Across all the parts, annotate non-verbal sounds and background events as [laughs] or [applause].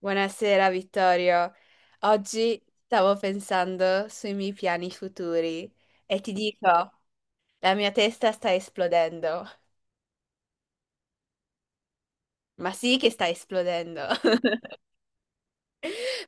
Buonasera Vittorio. Oggi stavo pensando sui miei piani futuri e ti dico, la mia testa sta esplodendo. Ma sì che sta esplodendo. [laughs]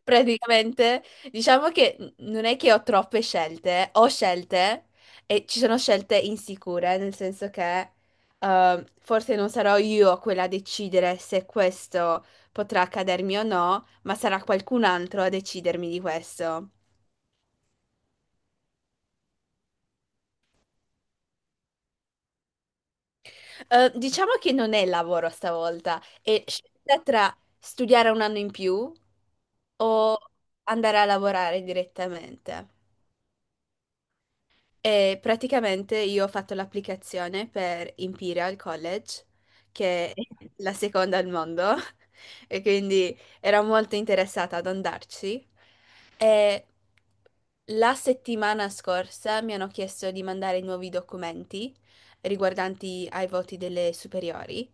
Praticamente, diciamo che non è che ho troppe scelte, ho scelte e ci sono scelte insicure, nel senso che forse non sarò io quella a decidere se questo potrà accadermi o no, ma sarà qualcun altro a decidermi di questo. Diciamo che non è lavoro stavolta, è scelta tra studiare un anno in più o andare a lavorare direttamente. E praticamente io ho fatto l'applicazione per Imperial College, che è la seconda al mondo, [laughs] e quindi ero molto interessata ad andarci. E la settimana scorsa mi hanno chiesto di mandare nuovi documenti riguardanti ai voti delle superiori.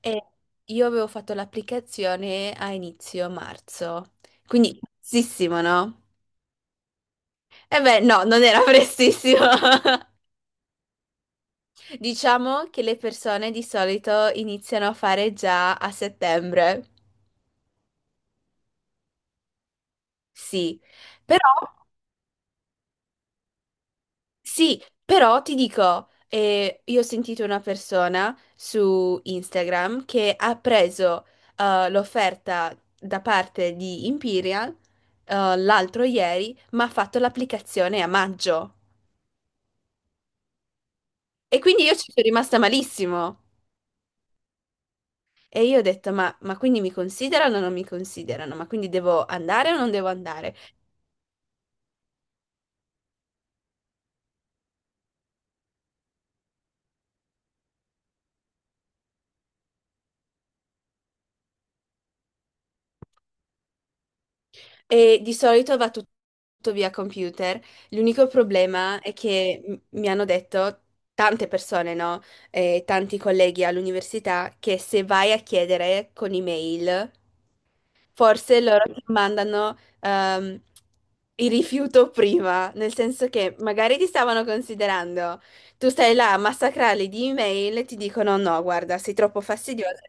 E io avevo fatto l'applicazione a inizio marzo, quindi prestissimo, no? E beh, no, non era prestissimo. [laughs] Diciamo che le persone di solito iniziano a fare già a settembre, sì, però ti dico, io ho sentito una persona su Instagram che ha preso l'offerta da parte di Imperial l'altro ieri, ma ha fatto l'applicazione a maggio. E quindi io ci sono rimasta malissimo. E io ho detto, ma quindi mi considerano o non mi considerano? Ma quindi devo andare o non devo andare? E di solito va tutto via computer. L'unico problema è che mi hanno detto tante persone, no? Tanti colleghi all'università, che se vai a chiedere con email, forse loro ti mandano il rifiuto prima, nel senso che magari ti stavano considerando, tu stai là a massacrarli di email e ti dicono no, guarda, sei troppo fastidiosa.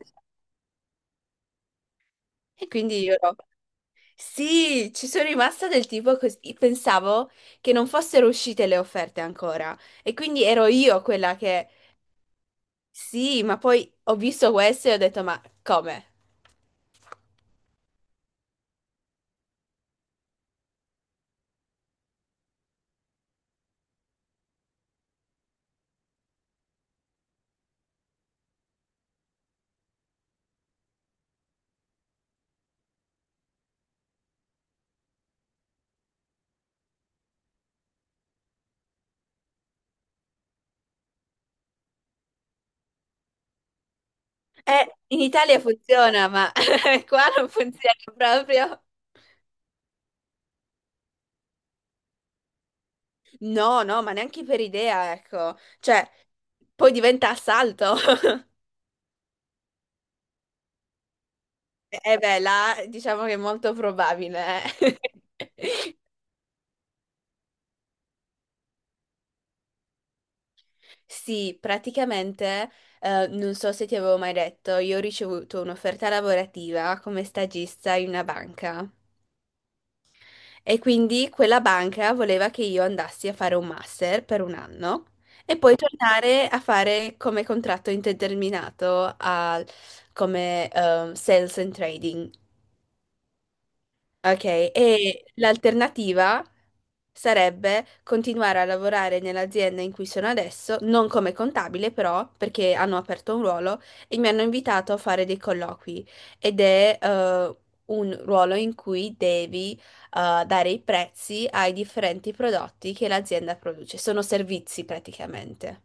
E quindi io no. Sì, ci sono rimasta del tipo così, pensavo che non fossero uscite le offerte ancora e quindi ero io quella che sì, ma poi ho visto questo e ho detto ma come? In Italia funziona, ma [laughs] qua non funziona proprio. No, no, ma neanche per idea, ecco. Cioè, poi diventa assalto. [laughs] E beh, là diciamo che è molto probabile. [laughs] Sì, praticamente, non so se ti avevo mai detto, io ho ricevuto un'offerta lavorativa come stagista in una banca e quindi quella banca voleva che io andassi a fare un master per un anno e poi tornare a fare come contratto indeterminato come sales and trading. Ok, e l'alternativa sarebbe continuare a lavorare nell'azienda in cui sono adesso, non come contabile però, perché hanno aperto un ruolo e mi hanno invitato a fare dei colloqui ed è un ruolo in cui devi dare i prezzi ai differenti prodotti che l'azienda produce, sono servizi praticamente.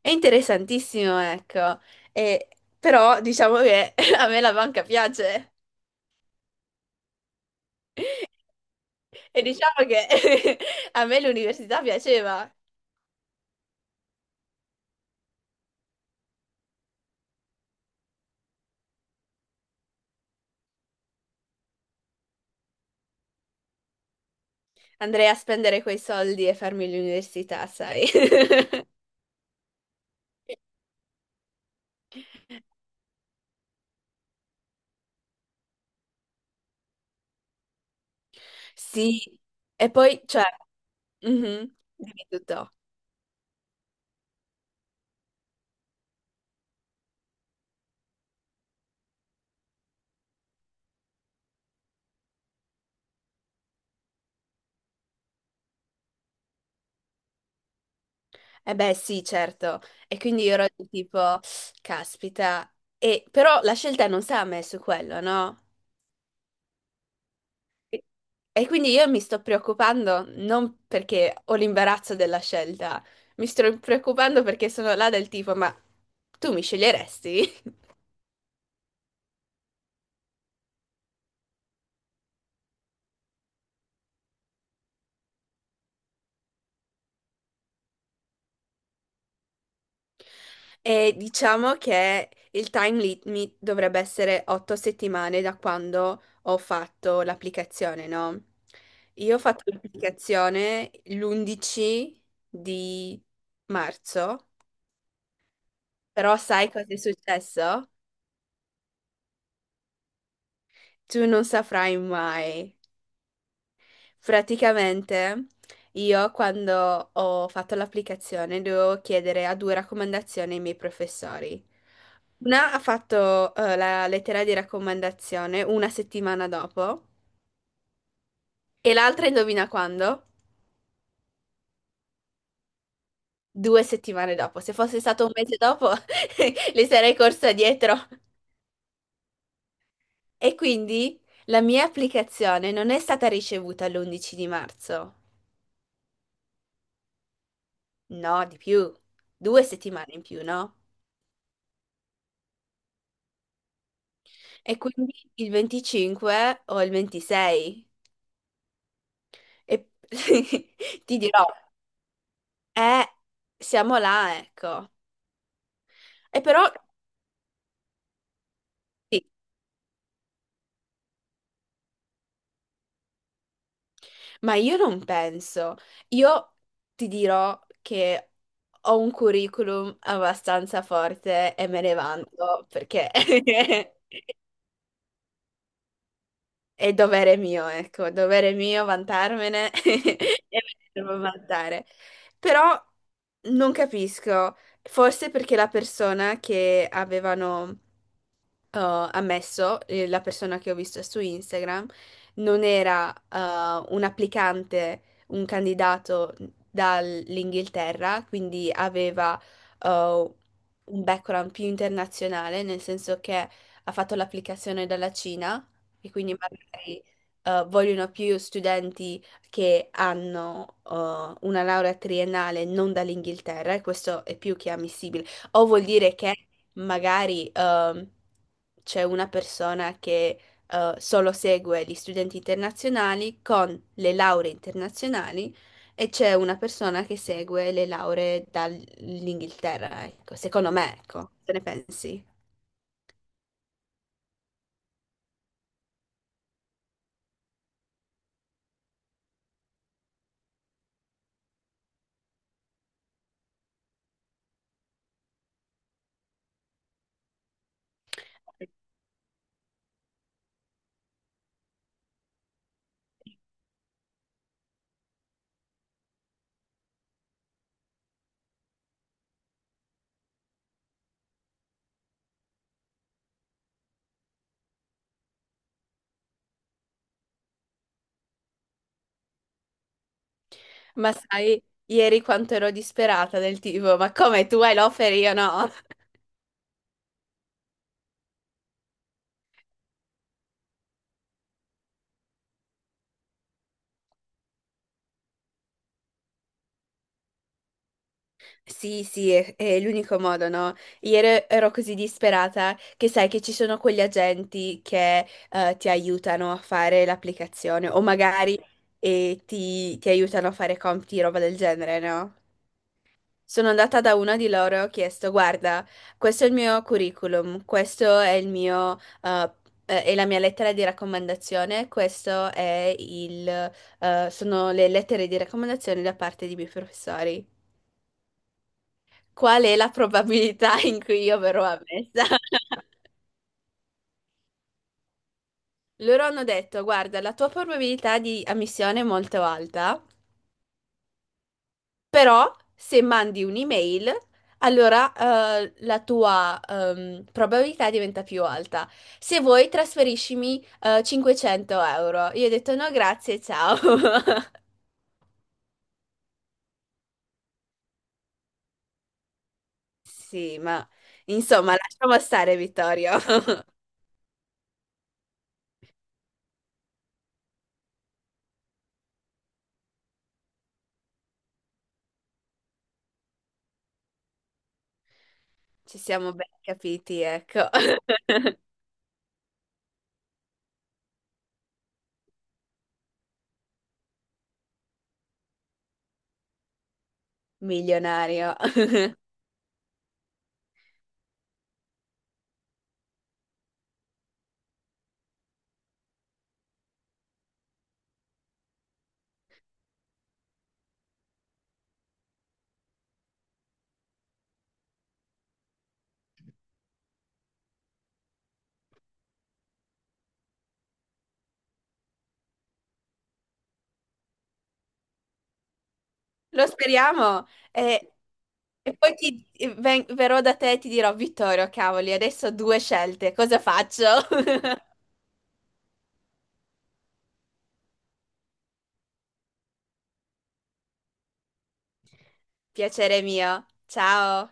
È interessantissimo, ecco, E- però diciamo che [laughs] a me la banca piace. E diciamo che [laughs] a me l'università piaceva. Andrei a spendere quei soldi e farmi l'università, sai? [laughs] Sì, e poi, cioè, mhm, dimmi tutto. Eh beh, sì, certo. E quindi io ero di tipo, caspita. Però la scelta non sta a me su quello, no? E e quindi io mi sto preoccupando non perché ho l'imbarazzo della scelta, mi sto preoccupando perché sono là del tipo, ma tu mi sceglieresti? E diciamo che il time limit dovrebbe essere 8 settimane da quando ho fatto l'applicazione, no? Io ho fatto l'applicazione l'11 di marzo, però sai cosa è successo? Tu non saprai mai. Praticamente io quando ho fatto l'applicazione dovevo chiedere a due raccomandazioni ai miei professori. Una ha fatto la lettera di raccomandazione una settimana dopo e l'altra indovina quando? 2 settimane dopo. Se fosse stato un mese dopo, [laughs] le sarei corsa dietro. E quindi la mia applicazione non è stata ricevuta l'11 di marzo. No, di più. 2 settimane in più, no? E quindi il 25 o il 26. E [laughs] ti dirò, eh, siamo là, ecco. E però, sì. Ma io non penso. Io ti dirò che ho un curriculum abbastanza forte e me ne vanto perché [laughs] è dovere mio, ecco, dovere mio vantarmene [laughs] e me ne devo vantare. Però non capisco, forse perché la persona che avevano eh, ammesso, la persona che ho visto su Instagram, non era un applicante, un candidato dall'Inghilterra, quindi aveva eh, un background più internazionale, nel senso che ha fatto l'applicazione dalla Cina e quindi magari vogliono più studenti che hanno una laurea triennale non dall'Inghilterra, e questo è più che ammissibile. O vuol dire che magari c'è una persona che solo segue gli studenti internazionali con le lauree internazionali e c'è una persona che segue le lauree dall'Inghilterra. Ecco, secondo me, ecco, se ne pensi? Ma sai, ieri quanto ero disperata del tipo, ma come tu hai l'offer e io no? Sì, sì, è l'unico modo, no? Ieri ero così disperata che sai che ci sono quegli agenti che ti aiutano a fare l'applicazione o magari ti aiutano a fare compiti, roba del genere, no? Sono andata da una di loro e ho chiesto, guarda, questo è il mio curriculum, questo è il mio, è la mia lettera di raccomandazione, questo è il, sono le lettere di raccomandazione da parte dei miei professori. Qual è la probabilità [laughs] in cui io verrò ammessa? [laughs] Loro hanno detto, guarda, la tua probabilità di ammissione è molto alta. Però se mandi un'email, allora la tua probabilità diventa più alta. Se vuoi, trasferiscimi 500 euro. Io ho detto no, grazie, ciao. [laughs] Sì, ma insomma, lasciamo stare, Vittorio. [laughs] Ci siamo ben capiti, ecco. [laughs] Milionario. [laughs] Lo speriamo. E poi verrò da te e ti dirò, Vittorio, cavoli, adesso ho due scelte, cosa faccio? [laughs] Piacere mio. Ciao.